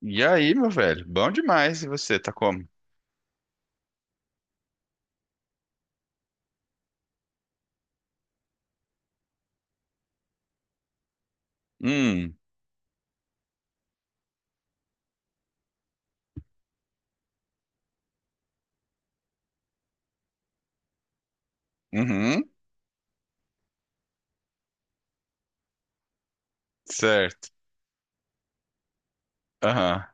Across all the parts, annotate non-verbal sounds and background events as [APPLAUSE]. E aí, meu velho? Bom demais. E você, tá como? Hum, uhum, certo. Aham.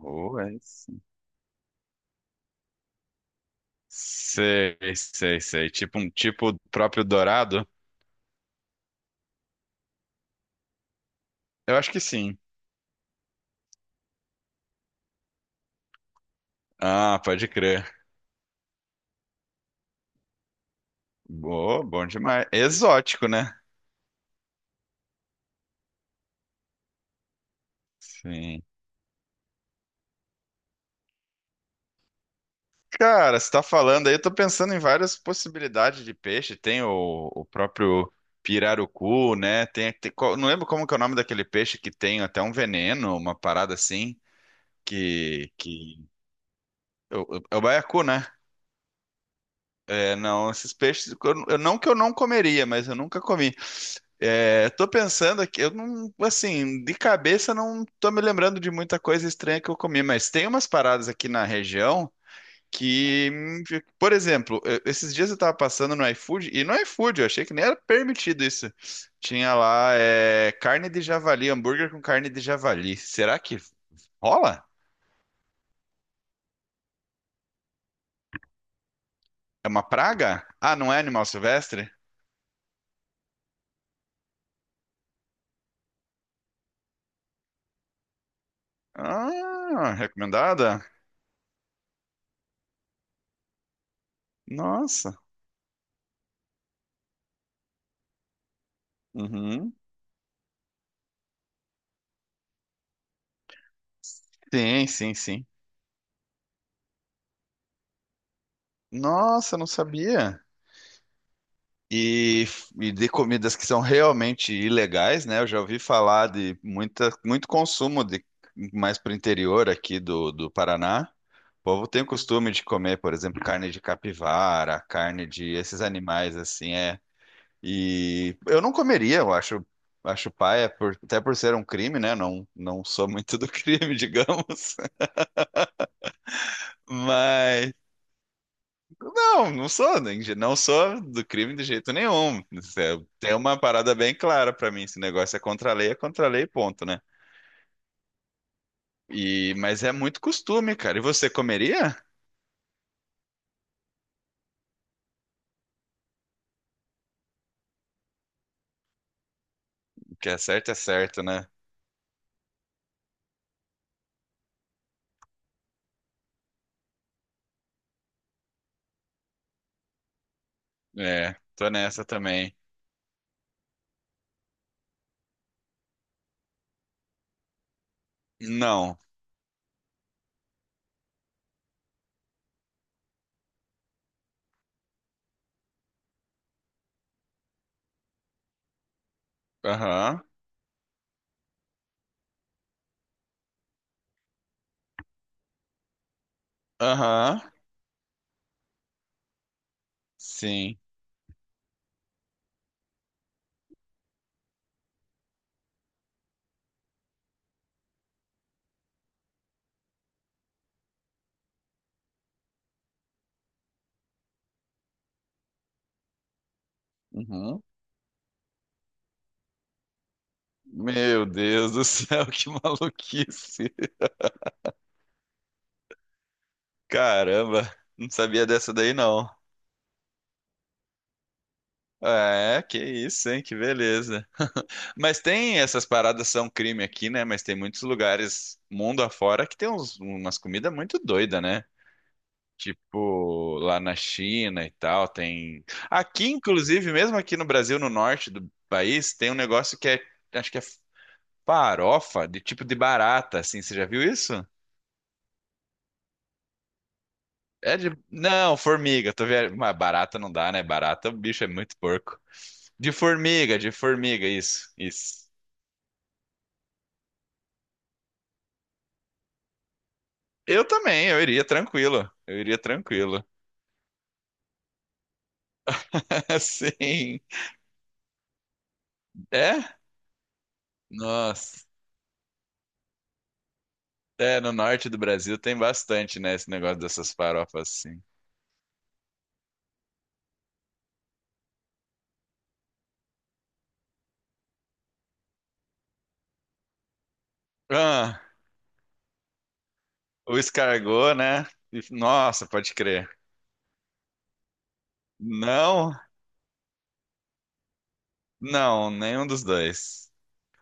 Oh, é sim. Sei, sei, sei. Tipo um tipo próprio dourado? Eu acho que sim. Ah, pode crer. Boa, bom demais. Exótico, né? Sim. Cara, você tá falando aí, eu tô pensando em várias possibilidades de peixe. Tem o próprio pirarucu, né? Não lembro como que é o nome daquele peixe que tem até um veneno, uma parada assim, que é o baiacu, né? É, não, esses peixes, não que eu não comeria, mas eu nunca comi. É, tô pensando aqui, eu não, assim, de cabeça não tô me lembrando de muita coisa estranha que eu comi, mas tem umas paradas aqui na região que, por exemplo, esses dias eu tava passando no iFood, e no iFood eu achei que nem era permitido isso. Tinha lá, é, carne de javali, hambúrguer com carne de javali. Será que rola? É uma praga? Ah, não é animal silvestre? Ah, recomendada? Nossa. Uhum. Sim, sim, sim. Nossa, não sabia. E, e de comidas que são realmente ilegais, né? Eu já ouvi falar de muita, muito consumo de mais para o interior aqui do Paraná. O povo tem o costume de comer, por exemplo, carne de capivara, carne de esses animais assim, é. E eu não comeria, eu acho, acho paia, até por ser um crime, né? Não, não sou muito do crime, [LAUGHS] digamos. Mas não, não sou, nem- não sou do crime de jeito nenhum. É, tem uma parada bem clara pra mim, esse negócio é contra a lei, é contra a lei, ponto, né? E mas é muito costume, cara. E você comeria? O que é certo, né? É, tô nessa também. Não. Aham. Aham. Sim. Uhum. Meu Deus do céu, [LAUGHS] que maluquice. Caramba, não sabia dessa daí não. É, que isso, hein? Que beleza. Mas tem essas paradas são crime aqui, né? Mas tem muitos lugares mundo afora que tem umas comidas muito doidas, né? Tipo, lá na China e tal, tem. Aqui, inclusive, mesmo aqui no Brasil, no norte do país, tem um negócio que é, acho que é farofa de tipo de barata, assim. Você já viu isso? É de. Não, formiga. Tô vendo. Mas barata não dá, né? Barata, o bicho é muito porco. De formiga, isso, isso. Eu também, eu iria tranquilo. Eu iria tranquilo. [LAUGHS] Sim. É? Nossa. É, no norte do Brasil tem bastante, né? Esse negócio dessas farofas assim. Ah, o escargot, né? E- nossa, pode crer. Não, não, nenhum dos dois.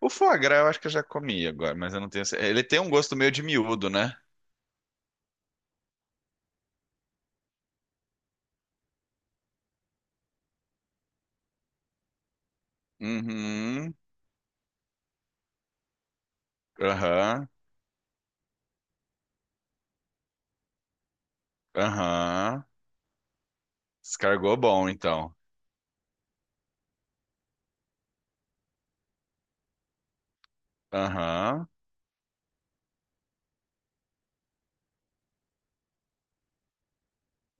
O foie gras eu acho que eu já comi agora, mas eu não tenho. Ele tem um gosto meio de miúdo, né? Uhum, aham, aham. Escargot bom, então. Aham,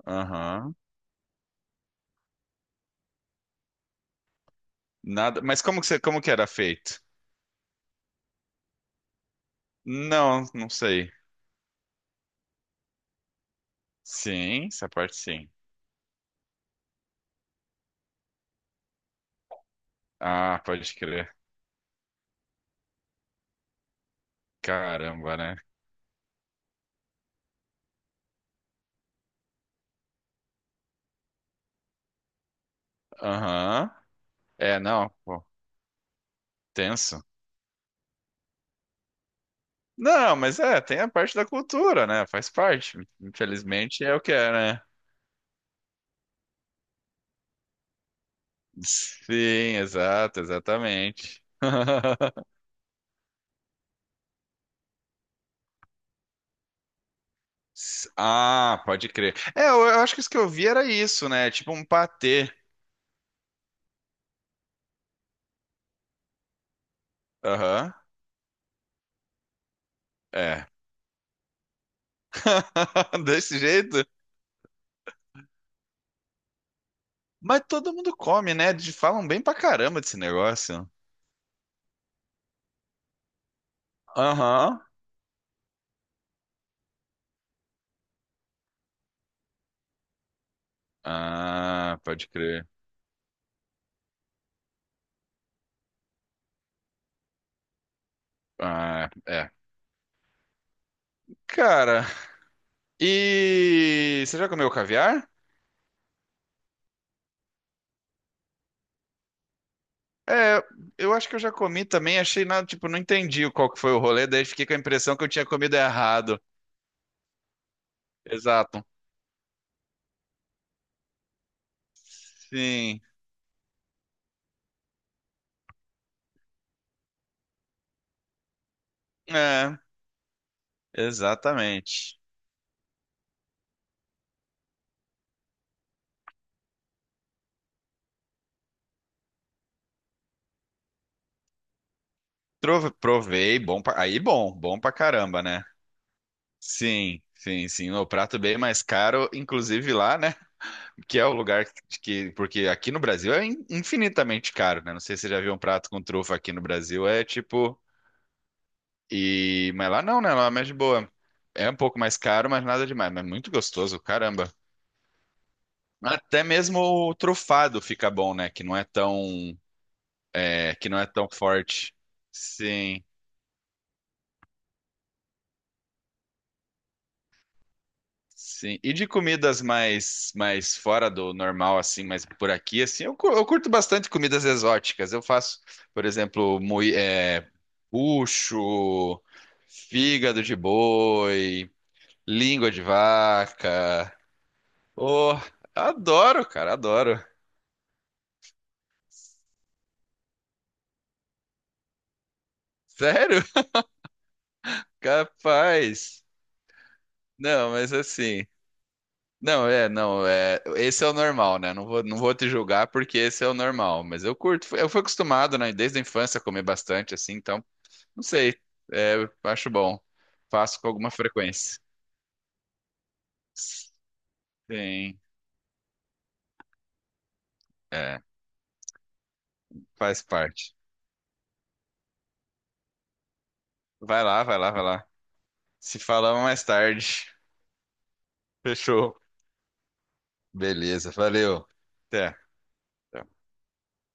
aham. Nada. Mas como que você, como que era feito? Não, não sei. Sim, essa parte sim. Ah, pode crer. Caramba, né? Aham. É, não, pô, tenso. Não, mas é, tem a parte da cultura, né? Faz parte. Infelizmente é o que é, né? Sim, exato, exatamente. [LAUGHS] Ah, pode crer. É, eu acho que isso que eu vi era isso, né? Tipo um patê. Aham, é. [LAUGHS] Desse jeito. Mas todo mundo come, né? Falam bem pra caramba desse negócio. Aham. Ah, pode crer. Ah, é. Cara, e você já comeu caviar? É, eu acho que eu já comi também, achei nada, tipo, não entendi qual que foi o rolê, daí fiquei com a impressão que eu tinha comido errado. Exato. Sim. É, exatamente. Provei, bom pra... aí bom, bom pra caramba, né? Sim, sim, sim. O prato bem mais caro, inclusive lá, né? Que é o lugar de que, porque aqui no Brasil é infinitamente caro, né? Não sei se você já viu um prato com trufa aqui no Brasil, é tipo, e, mas lá não, né? Lá é mais de boa. É um pouco mais caro, mas nada demais, mas muito gostoso, caramba. Até mesmo o trufado fica bom, né? Que não é tão, é, que não é tão forte. Sim. Sim. E de comidas mais mais fora do normal, assim, mas por aqui, assim, eu, eu curto bastante comidas exóticas. Eu faço, por exemplo, mui, é, bucho, fígado de boi, língua de vaca. Oh, adoro, cara, adoro. Sério? [LAUGHS] Capaz. Não, mas assim. Não, é, não, é, esse é o normal, né? Não vou, não vou te julgar porque esse é o normal, mas eu curto, eu fui acostumado, né, desde a infância a comer bastante assim, então, não sei, é, eu acho bom. Faço com alguma frequência. Sim, é, faz parte. Vai lá, vai lá, vai lá. Se falamos mais tarde. Fechou. Beleza, valeu. Até.